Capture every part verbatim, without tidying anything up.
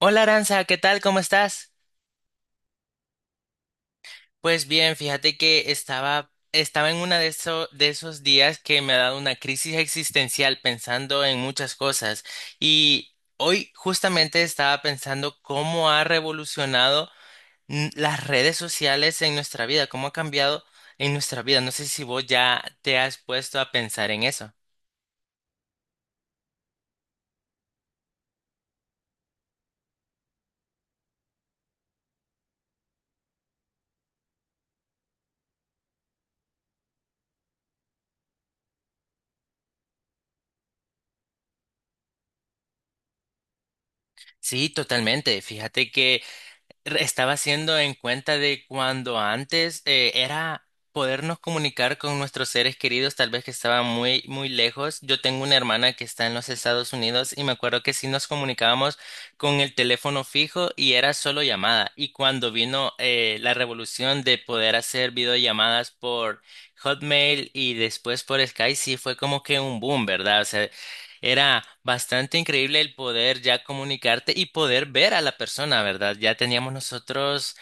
Hola Aranza, ¿qué tal? ¿Cómo estás? Pues bien, fíjate que estaba, estaba en uno de, eso- de esos días que me ha dado una crisis existencial pensando en muchas cosas, y hoy justamente estaba pensando cómo ha revolucionado mm, las redes sociales en nuestra vida, cómo ha cambiado en nuestra vida. No sé si vos ya te has puesto a pensar en eso. Sí, totalmente. Fíjate que estaba haciendo en cuenta de cuando antes eh, era podernos comunicar con nuestros seres queridos, tal vez que estaban muy, muy lejos. Yo tengo una hermana que está en los Estados Unidos y me acuerdo que sí nos comunicábamos con el teléfono fijo y era solo llamada. Y cuando vino eh, la revolución de poder hacer videollamadas por Hotmail y después por Skype, sí fue como que un boom, ¿verdad? O sea, era bastante increíble el poder ya comunicarte y poder ver a la persona, ¿verdad? Ya teníamos nosotros,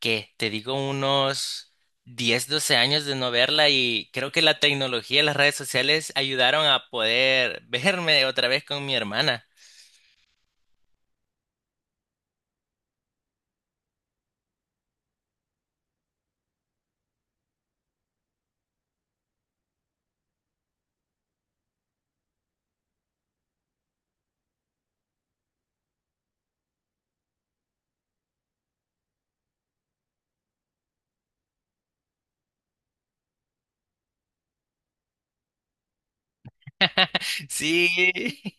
que te digo, unos diez, doce años de no verla, y creo que la tecnología y las redes sociales ayudaron a poder verme otra vez con mi hermana. Sí,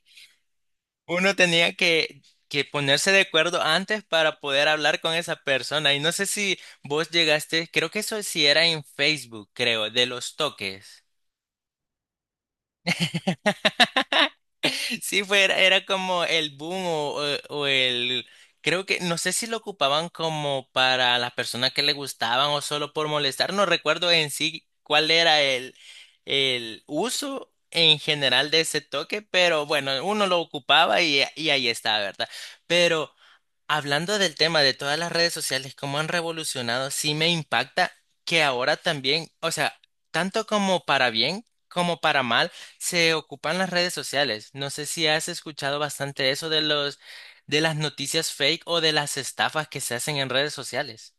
uno tenía que, que ponerse de acuerdo antes para poder hablar con esa persona, y no sé si vos llegaste, creo que eso sí era en Facebook, creo, de los toques. Sí, fue, era, era como el boom o, o- o el... Creo que, no sé si lo ocupaban como para las personas que le gustaban o solo por molestar, no recuerdo en sí cuál era el, el uso en general de ese toque, pero bueno, uno lo ocupaba y, y ahí está, ¿verdad? Pero... Hablando del tema de todas las redes sociales, cómo han revolucionado, sí me impacta que ahora también, o sea, tanto como para bien como para mal, se ocupan las redes sociales. No sé si has escuchado bastante eso de los, de las noticias fake o de las estafas que se hacen en redes sociales.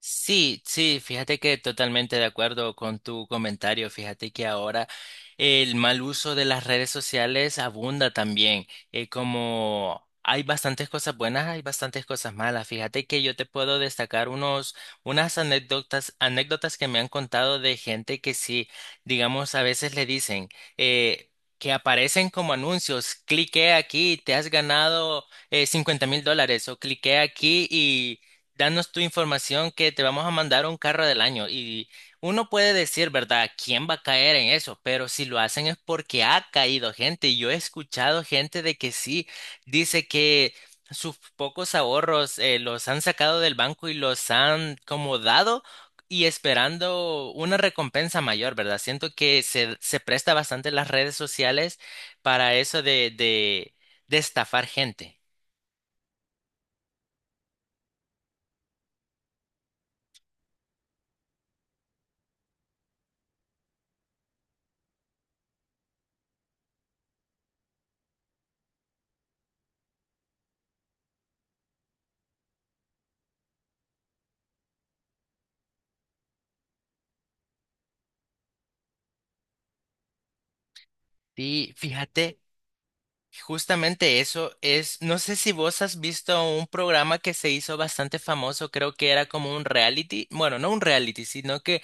Sí, sí, fíjate que totalmente de acuerdo con tu comentario. Fíjate que ahora el mal uso de las redes sociales abunda también. Eh, como hay bastantes cosas buenas, hay bastantes cosas malas. Fíjate que yo te puedo destacar unos, unas anécdotas, anécdotas que me han contado de gente que sí, digamos, a veces le dicen, eh, que aparecen como anuncios, clique aquí, te has ganado eh, cincuenta mil dólares o clique aquí y danos tu información que te vamos a mandar un carro del año. Y uno puede decir, ¿verdad? ¿Quién va a caer en eso? Pero si lo hacen es porque ha caído gente. Y yo he escuchado gente de que sí, dice que sus pocos ahorros eh, los han sacado del banco y los han como dado y esperando una recompensa mayor, ¿verdad? Siento que se, se presta bastante las redes sociales para eso de, de, de estafar gente. Y fíjate. Justamente eso es, no sé si vos has visto un programa que se hizo bastante famoso, creo que era como un reality, bueno, no un reality, sino que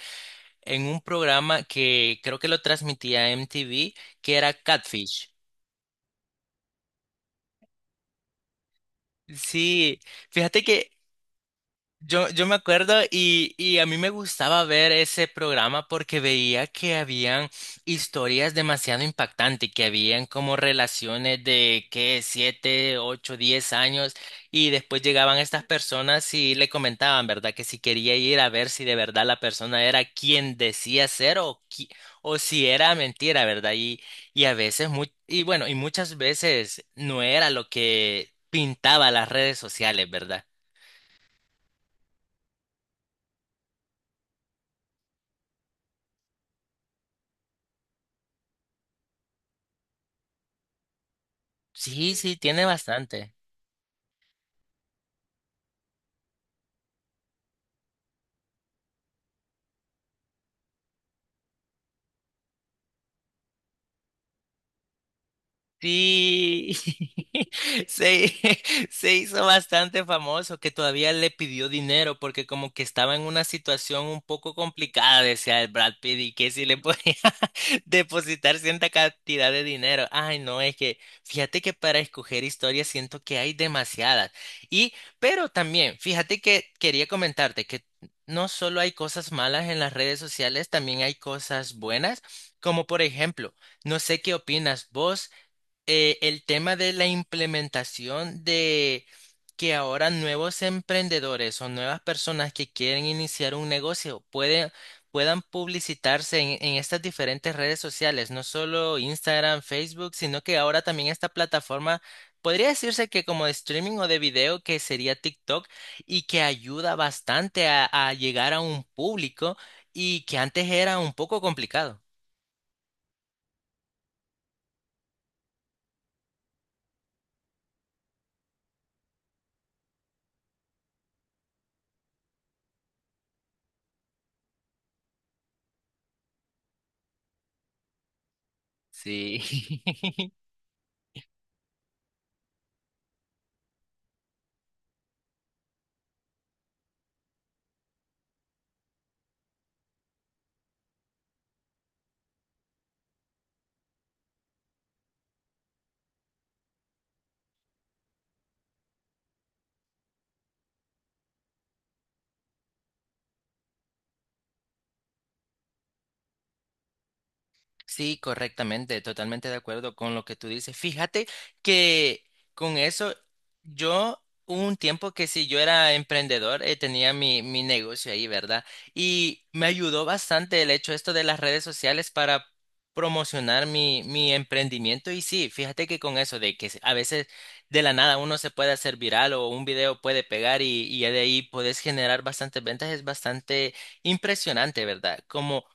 en un programa que creo que lo transmitía M T V, que era Catfish. Sí, fíjate que Yo, yo me acuerdo, y, y a mí me gustaba ver ese programa porque veía que habían historias demasiado impactantes, que habían como relaciones de que siete, ocho, diez años, y después llegaban estas personas y le comentaban, ¿verdad? Que si quería ir a ver si de verdad la persona era quien decía ser o, qui- o si era mentira, ¿verdad? Y, y a veces, mu- y bueno, y muchas veces no era lo que pintaba las redes sociales, ¿verdad? Sí, sí, tiene bastante. Sí, se, se hizo bastante famoso que todavía le pidió dinero porque como que estaba en una situación un poco complicada, decía el Brad Pitt, y que si le podía depositar cierta cantidad de dinero. Ay, no, es que fíjate que para escoger historias siento que hay demasiadas. Y, pero también, fíjate que quería comentarte que no solo hay cosas malas en las redes sociales, también hay cosas buenas, como por ejemplo, no sé qué opinas vos eh, el tema de la implementación de que ahora nuevos emprendedores o nuevas personas que quieren iniciar un negocio pueden, puedan publicitarse en, en estas diferentes redes sociales, no solo Instagram, Facebook, sino que ahora también esta plataforma podría decirse que como de streaming o de video que sería TikTok, y que ayuda bastante a, a llegar a un público, y que antes era un poco complicado. Sí. Sí, correctamente, totalmente de acuerdo con lo que tú dices. Fíjate que con eso, yo hubo un tiempo que si yo era emprendedor, eh, tenía mi, mi negocio ahí, ¿verdad? Y me ayudó bastante el hecho esto de las redes sociales para promocionar mi, mi emprendimiento. Y sí, fíjate que con eso, de que se- a veces de la nada uno se puede hacer viral o un video puede pegar, y, y ya de ahí puedes generar bastantes ventas, es bastante impresionante, ¿verdad? Como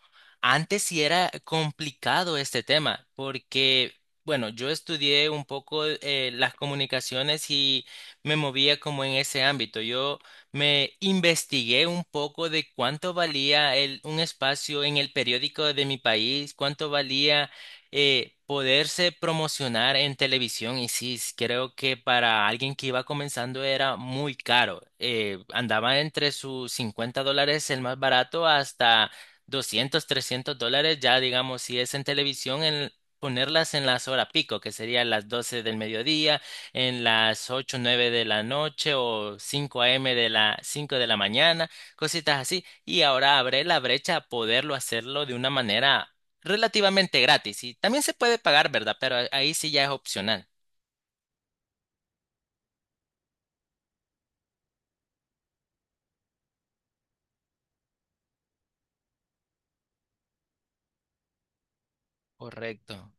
antes sí era complicado este tema, porque, bueno, yo estudié un poco eh, las comunicaciones y me movía como en ese ámbito. Yo me investigué un poco de cuánto valía el- un espacio en el periódico de mi país, cuánto valía eh, poderse promocionar en televisión. Y sí, s- creo que para alguien que iba comenzando era muy caro. Eh, andaba entre sus cincuenta dólares el más barato hasta doscientos trescientos dólares, ya digamos, si es en televisión, en ponerlas en las horas pico, que serían las doce del mediodía, en las ocho nueve de la noche o cinco a m de la cinco de la mañana, cositas así. Y ahora abre la brecha a poderlo hacerlo de una manera relativamente gratis. Y también se puede pagar, ¿verdad? Pero ahí sí ya es opcional. Correcto.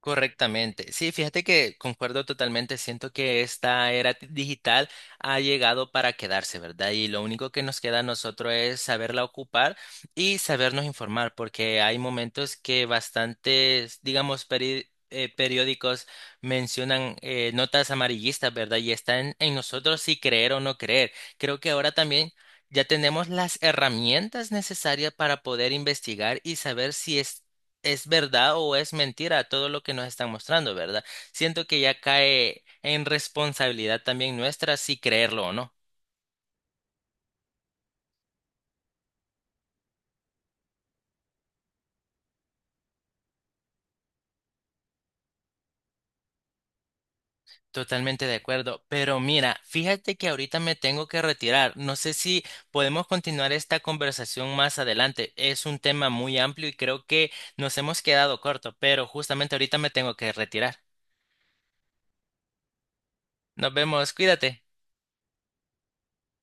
Correctamente. Sí, fíjate que concuerdo totalmente. Siento que esta era t- digital ha llegado para quedarse, ¿verdad? Y lo único que nos queda a nosotros es saberla ocupar y sabernos informar, porque hay momentos que bastantes, digamos, peri- eh, periódicos mencionan eh, notas amarillistas, ¿verdad? Y está en, en nosotros si creer o no creer. Creo que ahora también ya tenemos las herramientas necesarias para poder investigar y saber si es es verdad o es mentira todo lo que nos están mostrando, ¿verdad? Siento que ya cae en responsabilidad también nuestra si creerlo o no. Totalmente de acuerdo. Pero mira, fíjate que ahorita me tengo que retirar. No sé si podemos continuar esta conversación más adelante. Es un tema muy amplio y creo que nos hemos quedado corto, pero justamente ahorita me tengo que retirar. Nos vemos, cuídate.